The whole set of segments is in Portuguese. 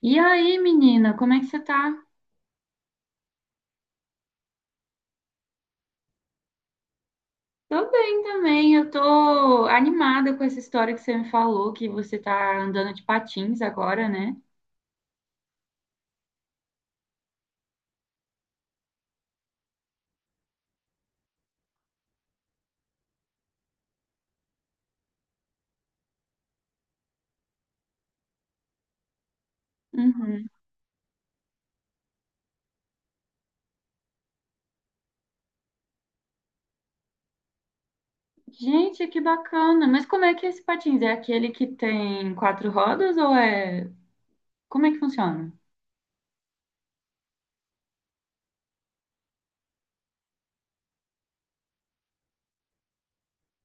E aí, menina, como é que você tá? Tô bem também, eu tô animada com essa história que você me falou, que você tá andando de patins agora, né? Uhum. Gente, que bacana! Mas como é que é esse patins? É aquele que tem quatro rodas ou é... como é que funciona?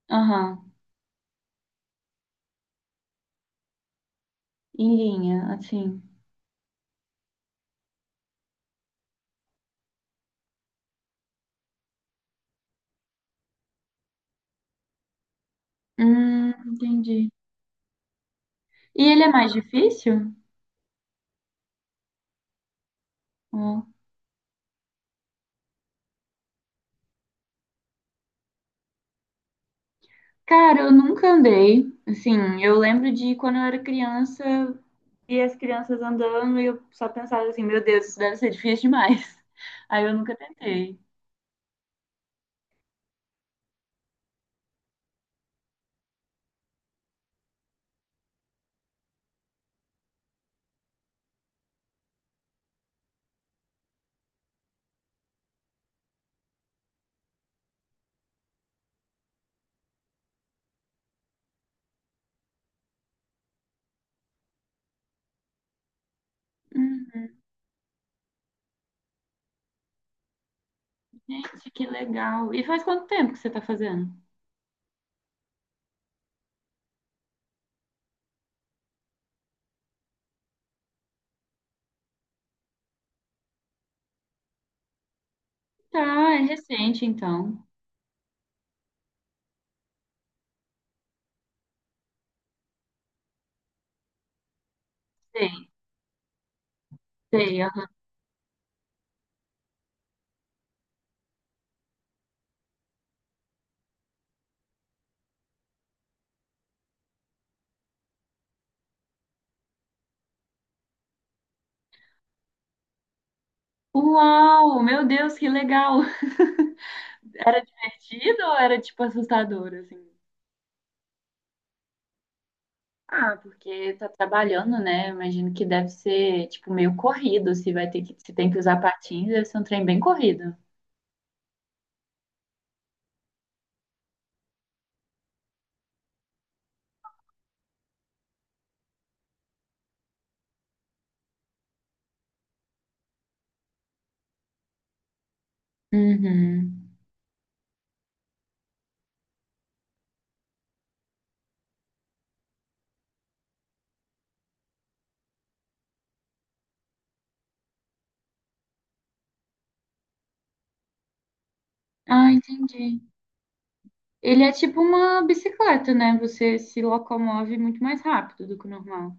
Aham. Em linha, assim. Entendi. E ele é mais difícil? Ó. Cara, eu nunca andei. Assim, eu lembro de quando eu era criança e as crianças andando e eu só pensava assim, meu Deus, isso deve ser difícil demais. Aí eu nunca tentei. Uhum. Gente, que legal. E faz quanto tempo que você tá fazendo? Tá, é recente então. Sei, sei. Aham. Uau, meu Deus, que legal. Era divertido ou era tipo assustador assim? Ah, porque tá trabalhando, né? Imagino que deve ser tipo meio corrido, se vai ter que se tem que usar patins, deve ser um trem bem corrido. Uhum. Ah, entendi. Ele é tipo uma bicicleta, né? Você se locomove muito mais rápido do que o normal.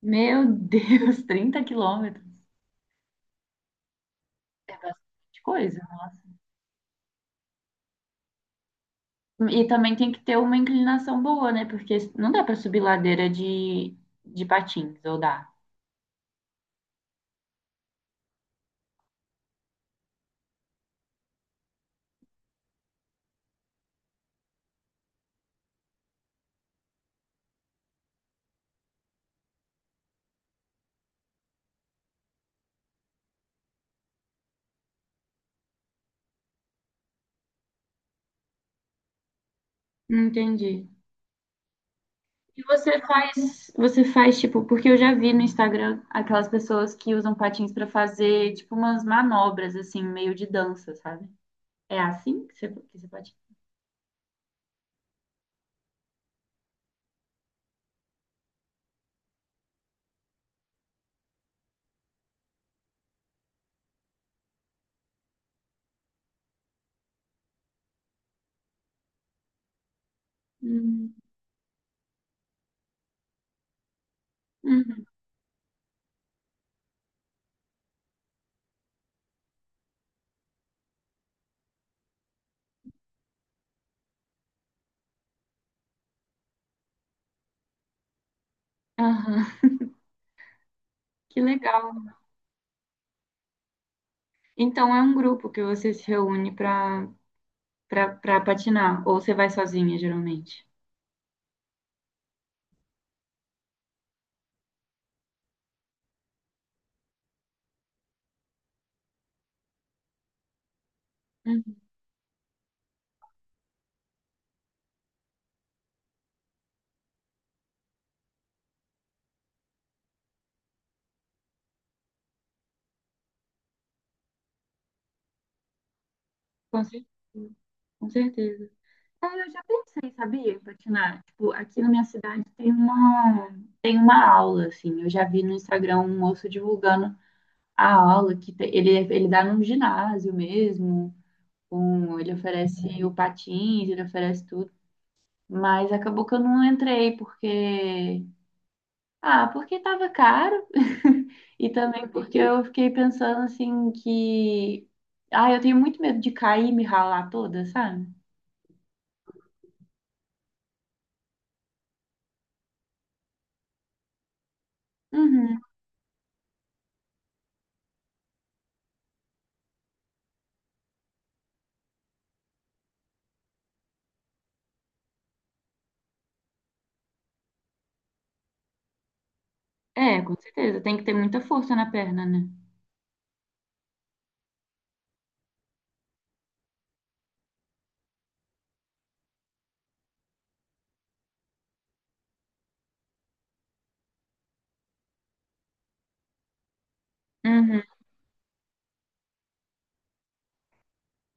Meu Deus, 30 quilômetros é bastante coisa, nossa. E também tem que ter uma inclinação boa, né? Porque não dá pra subir ladeira de patins, ou dá? Entendi. E você faz tipo, porque eu já vi no Instagram aquelas pessoas que usam patins pra fazer tipo umas manobras assim, meio de dança, sabe? É assim que você patina? Hum, uhum. Aham. Que legal. Então é um grupo que você se reúne para patinar, ou você vai sozinha, geralmente? Uhum. Com certeza. Com certeza. É, eu já pensei, sabia, em patinar. Tipo, aqui na minha cidade tem uma aula, assim. Eu já vi no Instagram um moço divulgando a aula, que ele, ele dá num ginásio mesmo, com, ele oferece o patins, ele oferece tudo. Mas acabou que eu não entrei, porque ah, porque estava caro e também porque eu fiquei pensando assim que. Ah, eu tenho muito medo de cair e me ralar toda, sabe? Uhum. É, com certeza. Tem que ter muita força na perna, né? Uhum.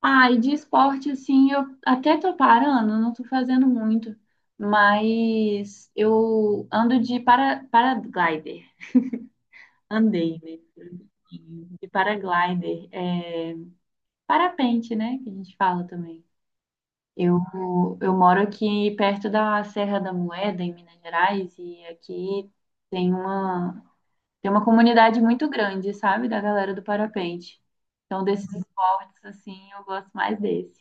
Ah, e de esporte, assim, eu até tô parando, não tô fazendo muito, mas eu ando de paraglider. Andei, né? De paraglider. É, parapente, né? Que a gente fala também. Eu, eu moro aqui perto da Serra da Moeda, em Minas Gerais, e aqui tem uma, tem uma comunidade muito grande, sabe, da galera do parapente. Então, desses esportes, assim, eu gosto mais desse.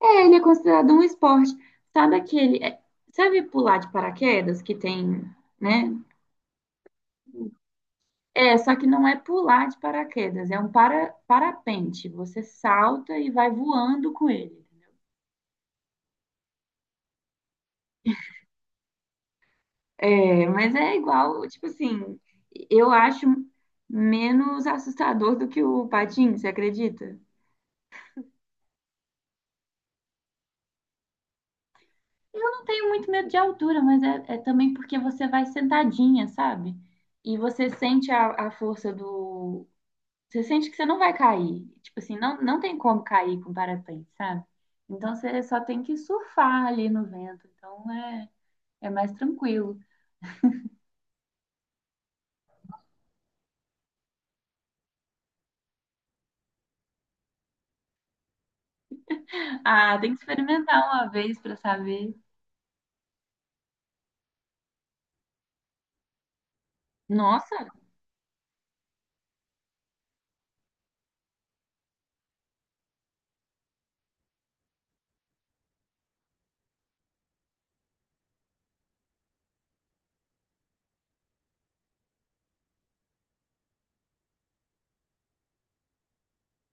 É, ele é considerado um esporte. Sabe aquele. é- sabe pular de paraquedas que tem, né? É, só que não é pular de paraquedas, é um parapente. Você salta e vai voando com ele. É, mas é igual, tipo assim, eu acho menos assustador do que o patim, você acredita? Eu não tenho muito medo de altura, mas é, é também porque você vai sentadinha, sabe? E você sente a força do. Você sente que você não vai cair. Tipo assim, não, não tem como cair com parapente, sabe? Então você só tem que surfar ali no vento. Então é, é mais tranquilo. Ah, tem que experimentar uma vez pra saber. Nossa,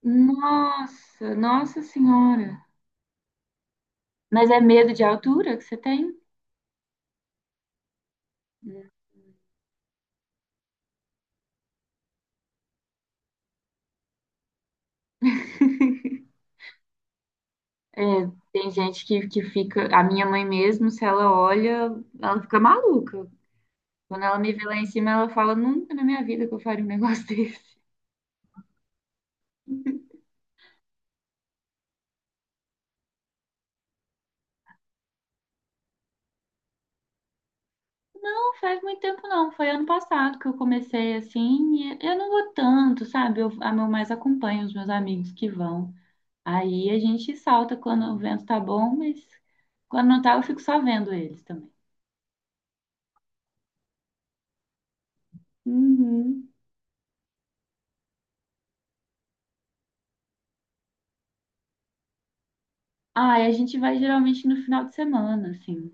nossa, nossa senhora. Mas é medo de altura que você tem? É, tem gente que fica. A minha mãe mesmo, se ela olha, ela fica maluca. Quando ela me vê lá em cima, ela fala: Nunca na minha vida que eu faria um negócio desse. Não faz muito tempo, não. Foi ano passado que eu comecei assim. E eu não vou tanto, sabe? Eu, a meu mais acompanho os meus amigos que vão. Aí a gente salta quando o vento tá bom, mas quando não tá, eu fico só vendo eles também. Uhum. Ah, e a gente vai geralmente no final de semana, assim.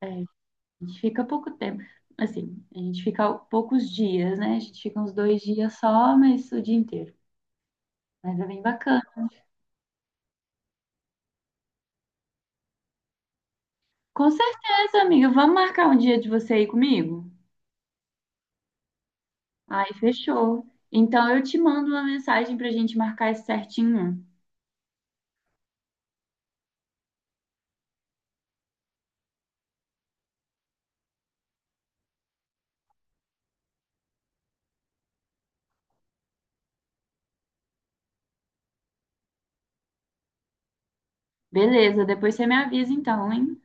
É, a gente fica pouco tempo. Assim, a gente fica poucos dias, né? A gente fica uns 2 dias só, mas o dia inteiro. Mas é bem bacana. Com certeza, amiga. Vamos marcar um dia de você aí comigo? Ai, fechou. Então eu te mando uma mensagem pra gente marcar isso certinho. Beleza, depois você me avisa então, hein?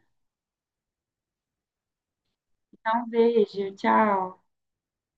Então, um beijo, tchau.